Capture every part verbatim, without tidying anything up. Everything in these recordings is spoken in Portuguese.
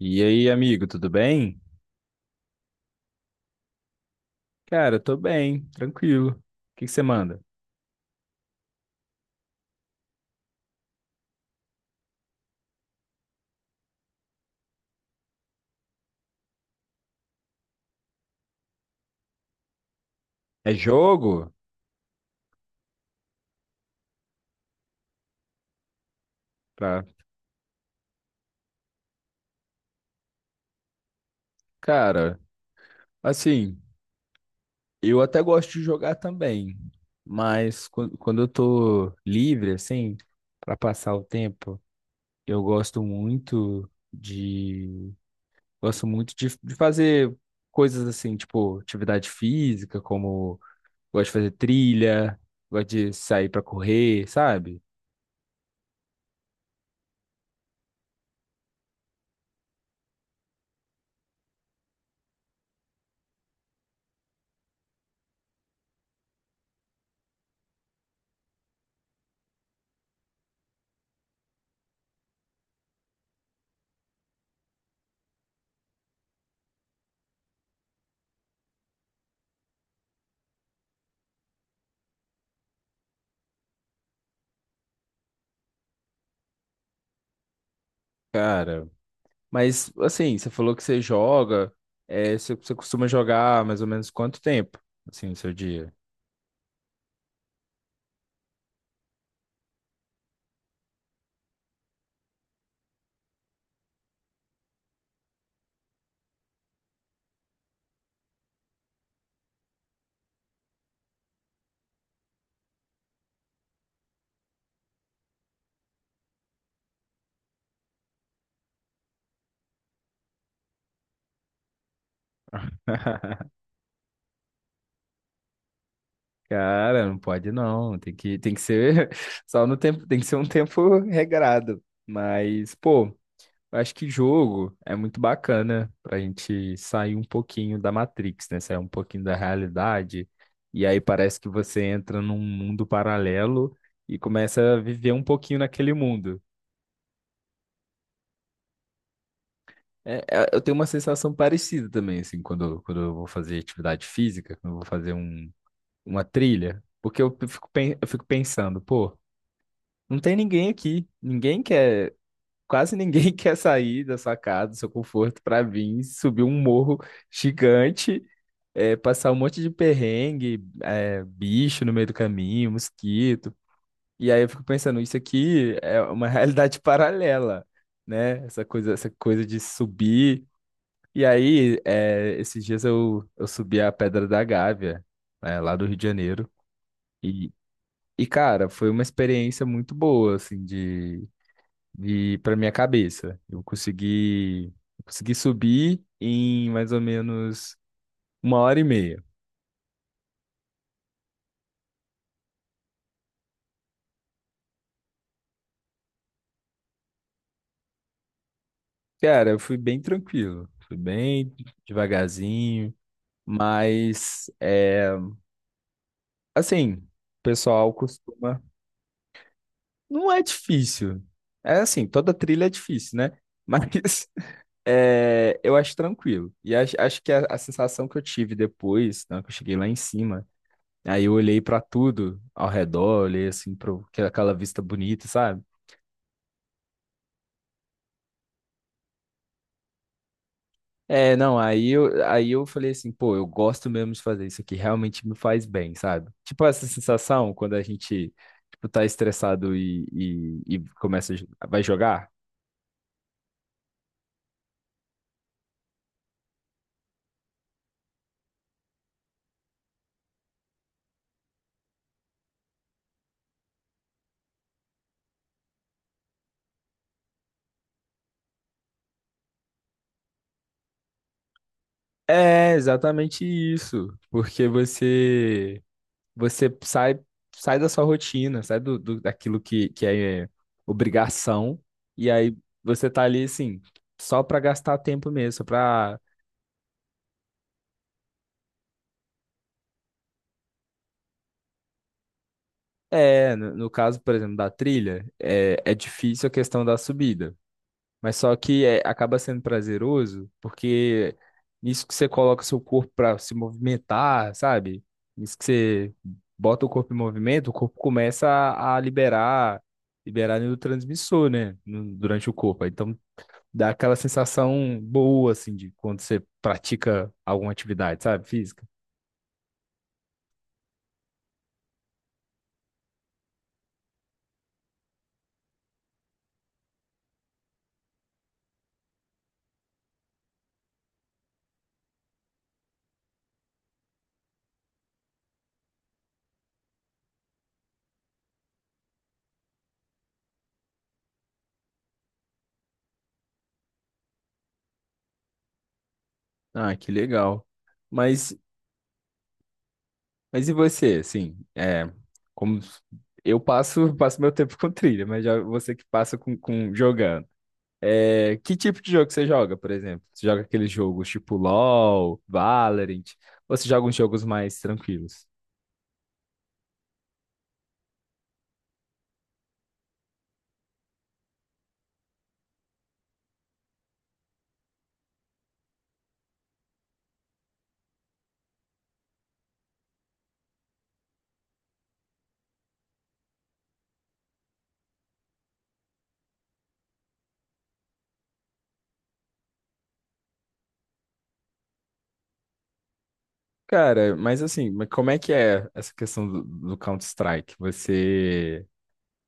E aí, amigo, tudo bem? Cara, eu tô bem, tranquilo. O que que você manda? É jogo? Tá. Cara, assim, eu até gosto de jogar também, mas quan- quando eu tô livre, assim, pra passar o tempo, eu gosto muito de, gosto muito de, de fazer coisas assim, tipo atividade física, como gosto de fazer trilha, gosto de sair pra correr, sabe? Cara. Mas, assim, você falou que você joga, é, você, você costuma jogar mais ou menos quanto tempo, assim, no seu dia? Cara, não pode não, tem que, tem que ser só no tempo, tem que ser um tempo regrado. Mas, pô, eu acho que jogo é muito bacana pra gente sair um pouquinho da Matrix, né? Sair um pouquinho da realidade. E aí parece que você entra num mundo paralelo e começa a viver um pouquinho naquele mundo. É, é, eu tenho uma sensação parecida também, assim, quando, quando eu vou fazer atividade física, quando eu vou fazer um, uma trilha, porque eu fico, pen- eu fico pensando, pô, não tem ninguém aqui, ninguém quer, quase ninguém quer sair da sua casa, do seu conforto, pra vir subir um morro gigante, é, passar um monte de perrengue, é, bicho no meio do caminho, mosquito. E aí eu fico pensando, isso aqui é uma realidade paralela, né? Essa coisa, essa coisa de subir. E aí, é, esses dias eu, eu subi a Pedra da Gávea, né, lá do Rio de Janeiro. E, e, cara, foi uma experiência muito boa, assim, de, de para minha cabeça. Eu consegui, eu consegui subir em mais ou menos uma hora e meia. Cara, eu fui bem tranquilo, fui bem devagarzinho, mas, é, assim, o pessoal costuma. Não é difícil. É assim, toda trilha é difícil, né? Mas. É, eu acho tranquilo. E acho, acho que a, a sensação que eu tive depois, né, que eu cheguei lá em cima, aí eu olhei pra tudo ao redor, olhei assim para aquela vista bonita, sabe? É, não, aí eu, aí eu falei assim, pô, eu gosto mesmo de fazer isso aqui, realmente me faz bem, sabe? Tipo essa sensação quando a gente, tipo, tá estressado e, e, e começa, a jo- vai jogar. É exatamente isso, porque você você sai, sai da sua rotina, sai do, do- daquilo que, que é é, obrigação, e aí você tá ali, assim, só pra gastar tempo mesmo, só pra... É, no, no caso, por exemplo, da trilha, é, é difícil a questão da subida, mas só que é, acaba sendo prazeroso, porque nisso que você coloca seu corpo pra se movimentar, sabe? Nisso que você bota o corpo em movimento, o corpo começa a a liberar liberar neurotransmissor, né, no- durante o corpo. Então dá aquela sensação boa, assim, de quando você pratica alguma atividade, sabe, física. Ah, que legal. Mas, mas e você, assim, é, como eu passo, passo meu tempo com trilha, mas já você que passa com, com jogando. É, que tipo de jogo que você joga, por exemplo? Você joga aqueles jogos tipo LoL, Valorant, ou você joga uns jogos mais tranquilos? Cara, mas assim, mas como é que é essa questão do, do Counter-Strike? Você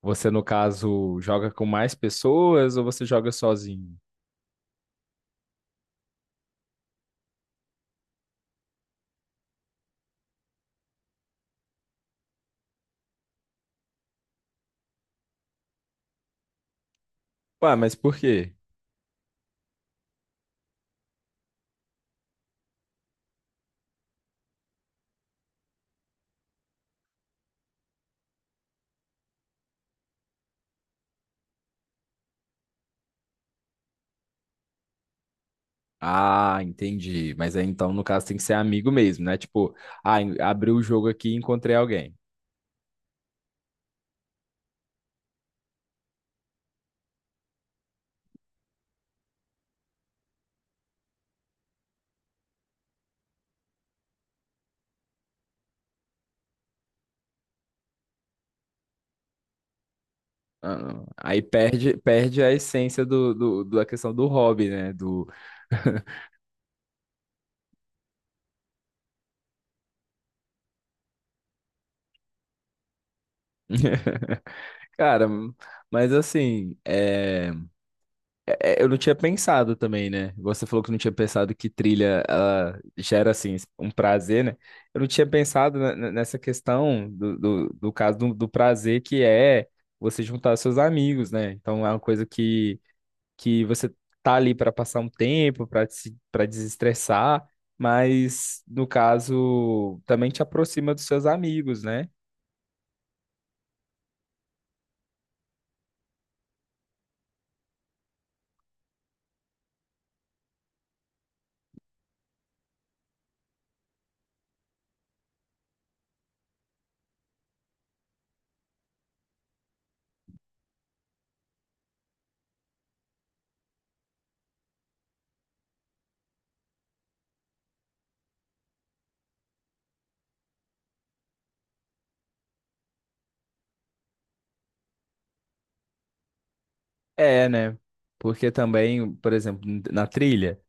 Você, no caso, joga com mais pessoas ou você joga sozinho? Ué, mas por quê? Ah, entendi. Mas aí então, no caso, tem que ser amigo mesmo, né? Tipo, ah, en- abri o jogo aqui e encontrei alguém. Ah, aí perde, perde a essência do, do, da questão do hobby, né? Do... Cara, mas assim, é. É, é, Eu não tinha pensado também, né? Você falou que não tinha pensado que trilha ela gera, assim, um prazer, né? Eu não tinha pensado ne- ne- nessa questão do, do, do caso do, do prazer que é você juntar seus amigos, né? Então é uma coisa que, que você tá ali para passar um tempo, para se, para desestressar, mas no caso também te aproxima dos seus amigos, né? É, né? Porque também, por exemplo, na trilha.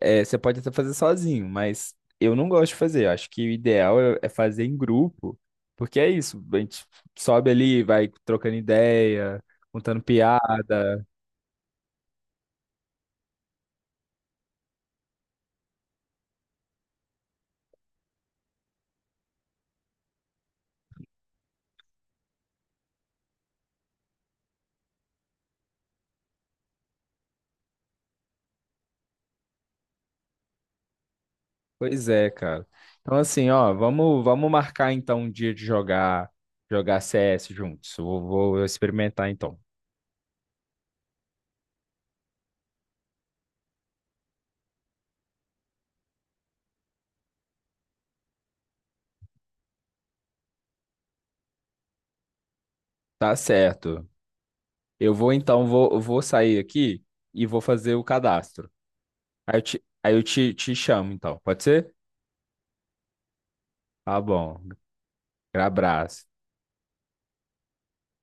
É, você pode até fazer sozinho, mas eu não gosto de fazer. Eu acho que o ideal é é fazer em grupo, porque é isso. A gente sobe ali, vai trocando ideia, contando piada. Pois é, cara. Então, assim, ó, vamos, vamos marcar então um dia de jogar, jogar C S juntos. Eu Vou, vou experimentar então. Tá certo. Eu vou então, vou, eu vou sair aqui e vou fazer o cadastro. Aí eu te, aí eu te, te chamo então, pode ser? Tá bom. Abraço.